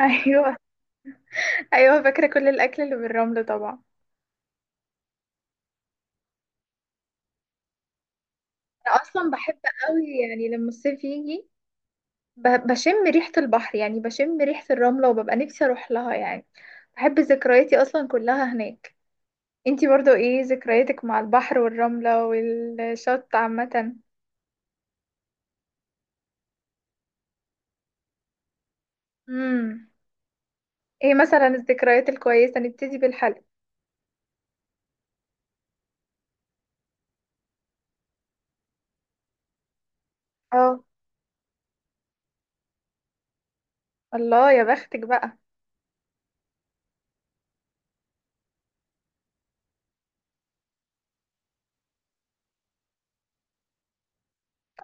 ايوه، ايوه. فاكره كل الاكل اللي بالرمل طبعا. انا اصلا بحب قوي. يعني لما الصيف يجي بشم ريحه البحر، يعني بشم ريحه الرمله وببقى نفسي اروح لها يعني. بحب ذكرياتي اصلا كلها هناك. انتي برضو ايه ذكرياتك مع البحر والرمله والشط عامه؟ امم. ايه مثلا الذكريات الكويسه؟ نبتدي بالحلق. اه. الله يا بختك بقى.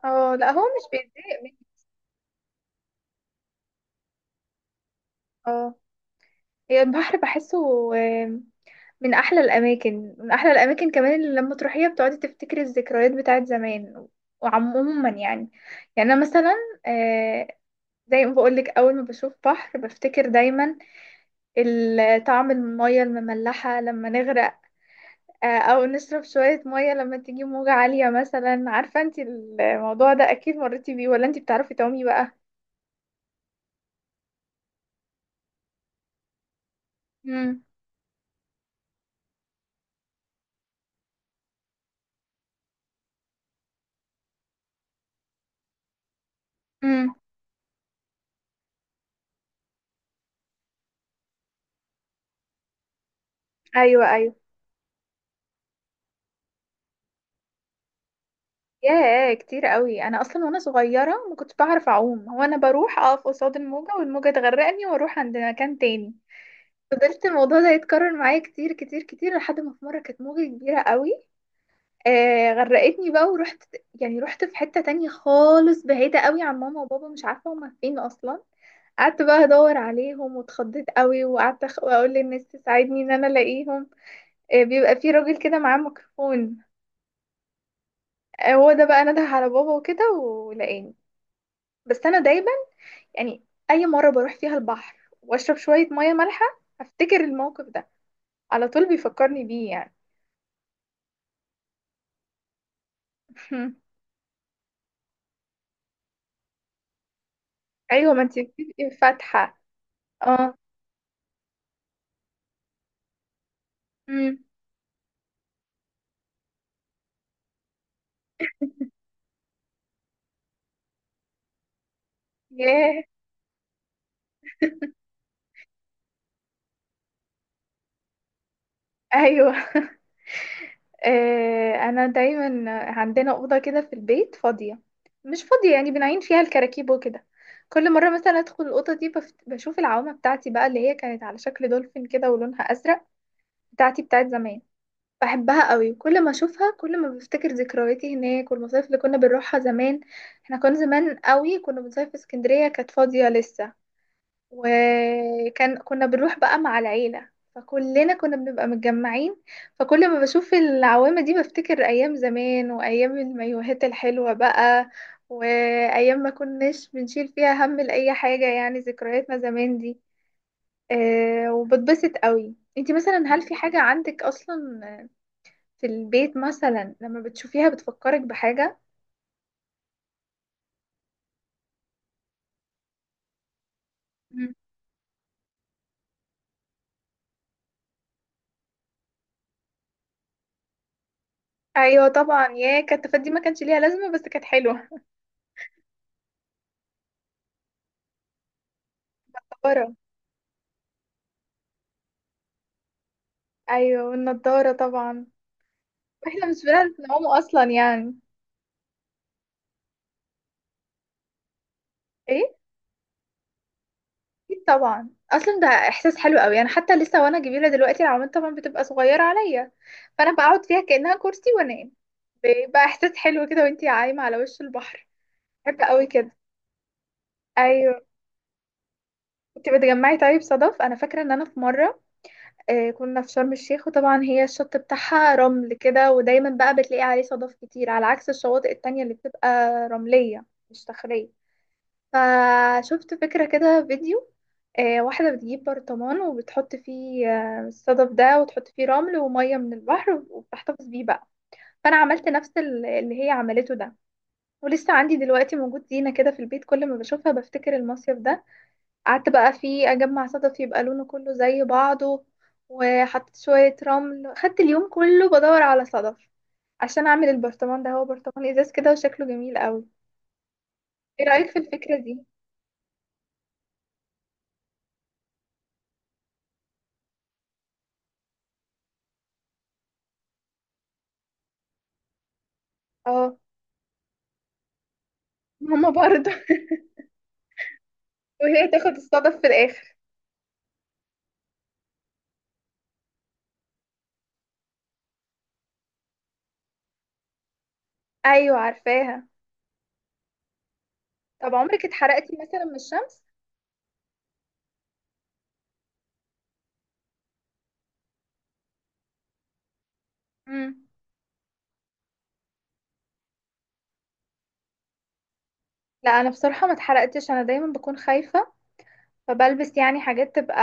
اه، لا هو مش بيتضايق مني. اه، هي البحر بحسه من احلى الاماكن، من احلى الاماكن كمان اللي لما تروحيها بتقعدي تفتكري الذكريات بتاعت زمان. وعموما يعني، يعني انا مثلا آه، زي ما بقولك اول ما بشوف بحر بفتكر دايما طعم المية المملحة لما نغرق، او نشرب شوية مية لما تيجي موجة عالية مثلا. عارفة انت الموضوع ده اكيد مريتي بيه؟ ولا انت بتعرفي تعومي بقى؟ امم. امم. ايوه، ايوه. ياه، كتير قوي. انا اصلا وانا صغيره ما كنتش بعرف اعوم، هو انا بروح اقف قصاد الموجه والموجه تغرقني واروح عند مكان تاني. فضلت الموضوع ده يتكرر معايا كتير كتير كتير لحد ما في مره كانت موجه كبيره قوي آه غرقتني بقى، ورحت يعني رحت في حته تانية خالص بعيده قوي عن ماما وبابا، مش عارفه هما فين اصلا. قعدت بقى ادور عليهم واتخضيت قوي، وقعدت اقول للناس تساعدني ان انا الاقيهم. آه، بيبقى في راجل كده معاه ميكروفون. آه، هو ده بقى نده على بابا وكده ولقاني. بس انا دايما يعني، اي مره بروح فيها البحر واشرب شويه ميه مالحه افتكر الموقف ده، على طول بيفكرني بيه يعني. ايوه، ما انت بتبقي فاتحه. اه. امم. ياه. ايوه. انا دايما عندنا اوضه كده في البيت فاضيه، مش فاضيه يعني بنعين فيها الكراكيب وكده. كل مره مثلا ادخل الاوضه دي بشوف العوامه بتاعتي بقى، اللي هي كانت على شكل دولفين كده ولونها ازرق، بتاعتي بتاعت زمان. بحبها قوي، كل ما اشوفها كل ما بفتكر ذكرياتي هناك والمصايف اللي كنا بنروحها زمان. احنا كنا زمان قوي كنا بنصيف في اسكندرية كانت فاضية لسه، وكان كنا بنروح بقى مع العيلة فكلنا كنا بنبقى متجمعين. فكل ما بشوف العوامة دي بفتكر ايام زمان وايام المايوهات الحلوة بقى، وايام ما كناش بنشيل فيها هم لأي حاجة، يعني ذكرياتنا زمان دي. أه، وبتبسط قوي. انتي مثلا هل في حاجة عندك اصلا في البيت مثلا لما بتشوفيها بتفكرك بحاجة؟ مم. ايوه طبعا، يا كانت دي ما كانش ليها لازمة بس كانت حلوة. نضارة. ايوه، والنضارة طبعا. احنا مش بنعرف نعوم اصلا يعني. ايه اكيد طبعا، اصلا ده احساس حلو قوي. انا حتى لسه وانا كبيرة دلوقتي العوامات طبعا بتبقى صغيرة عليا، فانا بقعد فيها كأنها كرسي وانام، بيبقى احساس حلو كده وانتي عايمة على وش البحر. بحب قوي كده. ايوه. كنت بتجمعي طيب صدف؟ انا فاكرة ان انا في مرة كنا في شرم الشيخ، وطبعا هي الشط بتاعها رمل كده ودايما بقى بتلاقي عليه صدف كتير على عكس الشواطئ التانية اللي بتبقى رملية مش صخرية. فشفت فكرة كده فيديو، واحدة بتجيب برطمان وبتحط فيه الصدف ده وتحط فيه رمل ومية من البحر وبتحتفظ بيه بقى. فأنا عملت نفس اللي هي عملته ده، ولسه عندي دلوقتي موجود زينة كده في البيت كل ما بشوفها بفتكر المصيف ده. قعدت بقى فيه اجمع صدف يبقى لونه كله زي بعضه، وحطيت شوية رمل، خدت اليوم كله بدور على صدف عشان اعمل البرطمان ده. هو برطمان ازاز كده وشكله جميل قوي. ايه رأيك في الفكرة دي؟ اه، ماما برضه. وهي تاخد الصدف في الاخر. ايوه عارفاها. طب عمرك اتحرقتي مثلا من الشمس؟ امم. لا انا بصراحة ما اتحرقتش، انا دايما بكون خايفة، فبلبس يعني حاجات تبقى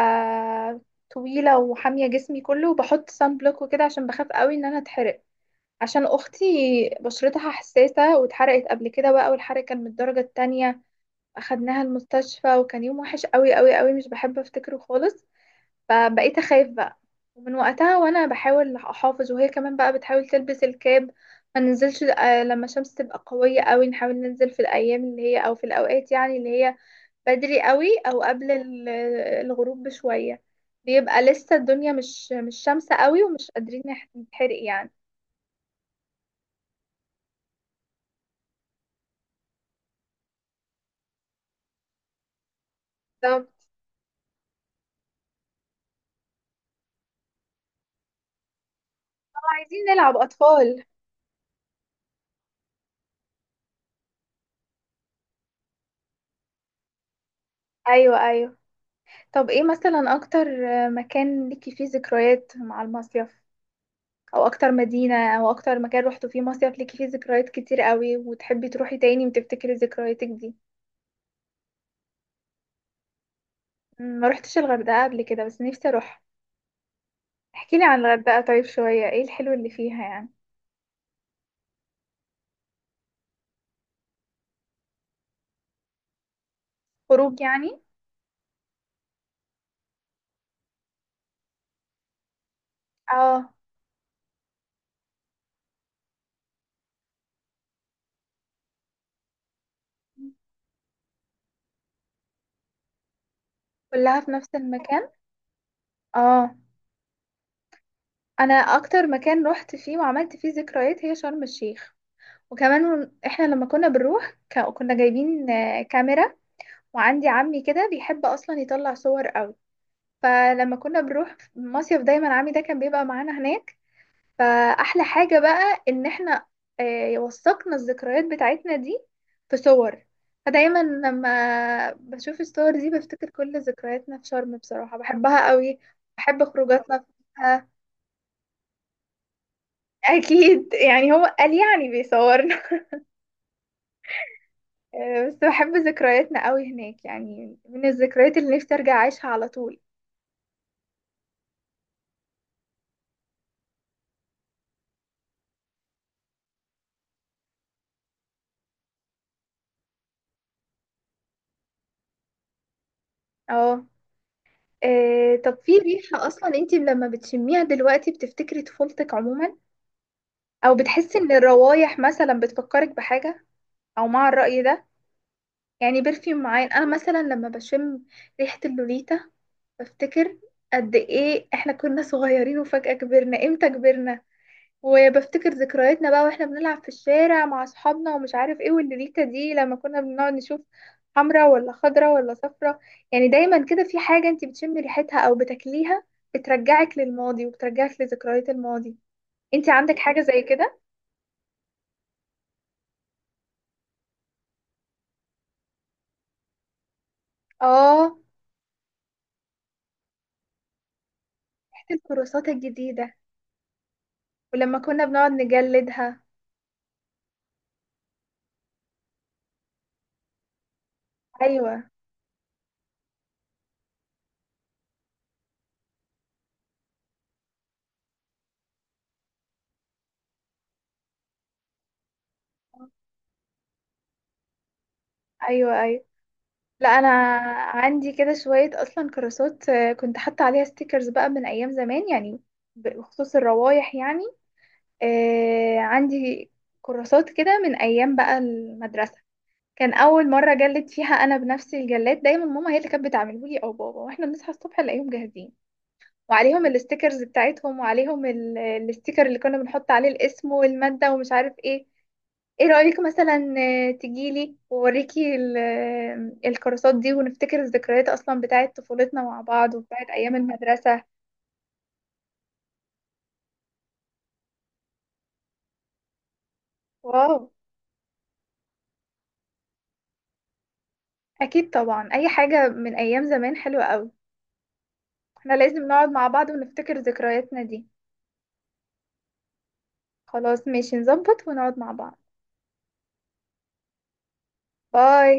طويلة وحامية جسمي كله، وبحط صن بلوك وكده عشان بخاف قوي ان انا اتحرق. عشان اختي بشرتها حساسه واتحرقت قبل كده بقى، والحرق كان من الدرجه التانية، اخدناها المستشفى وكان يوم وحش قوي قوي قوي مش بحب افتكره خالص. فبقيت اخاف بقى، ومن وقتها وانا بحاول احافظ، وهي كمان بقى بتحاول تلبس الكاب. ما ننزلش لما الشمس تبقى قويه قوي، نحاول ننزل في الايام اللي هي او في الاوقات يعني اللي هي بدري قوي او قبل الغروب بشويه، بيبقى لسه الدنيا مش شمسة قوي ومش قادرين نتحرق يعني. عايزين نلعب أطفال. أيوة أيوة. طب إيه مثلا أكتر مكان ليكي فيه ذكريات مع المصيف؟ أو أكتر مدينة أو أكتر مكان روحتوا فيه مصيف ليكي فيه ذكريات كتير قوي وتحبي تروحي تاني وتفتكري ذكرياتك دي؟ م، ما روحتش الغردقة قبل كده بس نفسي أروح. احكيلي عن الغردقة طيب شوية، إيه الحلو اللي فيها يعني؟ خروج يعني. اه. كلها في نفس المكان. اه. أنا أكتر مكان روحت فيه وعملت فيه ذكريات هي شرم الشيخ. وكمان احنا لما كنا بنروح كنا جايبين كاميرا، وعندي عمي كده بيحب اصلا يطلع صور قوي، فلما كنا بنروح مصيف دايما عمي ده كان بيبقى معانا هناك. فاحلى حاجة بقى ان احنا وثقنا الذكريات بتاعتنا دي في صور. فدايما لما بشوف الصور دي بفتكر كل ذكرياتنا في شرم، بصراحة بحبها قوي، بحب خروجاتنا فيها. اكيد يعني هو قال يعني بيصور. بس بحب ذكرياتنا قوي هناك يعني، من الذكريات اللي نفسي ارجع اعيشها على طول. اه. طب في ريحة أصلا أنت لما بتشميها دلوقتي بتفتكري طفولتك عموما؟ أو بتحسي إن الروايح مثلا بتفكرك بحاجة؟ أو مع الرأي ده يعني، برفيوم معين. أنا مثلا لما بشم ريحة اللوليتا بفتكر قد إيه إحنا كنا صغيرين وفجأة كبرنا، إمتى كبرنا؟ وبفتكر ذكرياتنا بقى واحنا بنلعب في الشارع مع اصحابنا ومش عارف ايه، والليلة دي لما كنا بنقعد نشوف حمرا ولا خضرا ولا صفرا. يعني دايما كده في حاجة انت بتشمي ريحتها او بتاكليها بترجعك للماضي وبترجعك لذكريات الماضي. انت عندك حاجة زي كده؟ اه، ريحة الكراسات الجديدة، ولما كنا بنقعد نجلدها. ايوه ايوه ايوه. لا انا عندي كده شويه اصلا كراسات كنت حاطه عليها ستيكرز بقى من ايام زمان يعني، بخصوص الروايح يعني. آه، عندي كراسات كده من أيام بقى المدرسة، كان أول مرة جلد فيها أنا بنفسي. الجلاد دايما ماما هي اللي كانت بتعمله لي أو بابا، واحنا بنصحى الصبح نلاقيهم جاهزين وعليهم الستيكرز بتاعتهم وعليهم الستيكر اللي كنا بنحط عليه الاسم والمادة ومش عارف ايه. ايه رأيك مثلا تجيلي ووريكي الكراسات دي ونفتكر الذكريات أصلا بتاعت طفولتنا مع بعض وبتاعت أيام المدرسة؟ واو، أكيد طبعا أي حاجة من أيام زمان حلوة أوي. احنا لازم نقعد مع بعض ونفتكر ذكرياتنا دي. خلاص ماشي، نظبط ونقعد مع بعض. باي.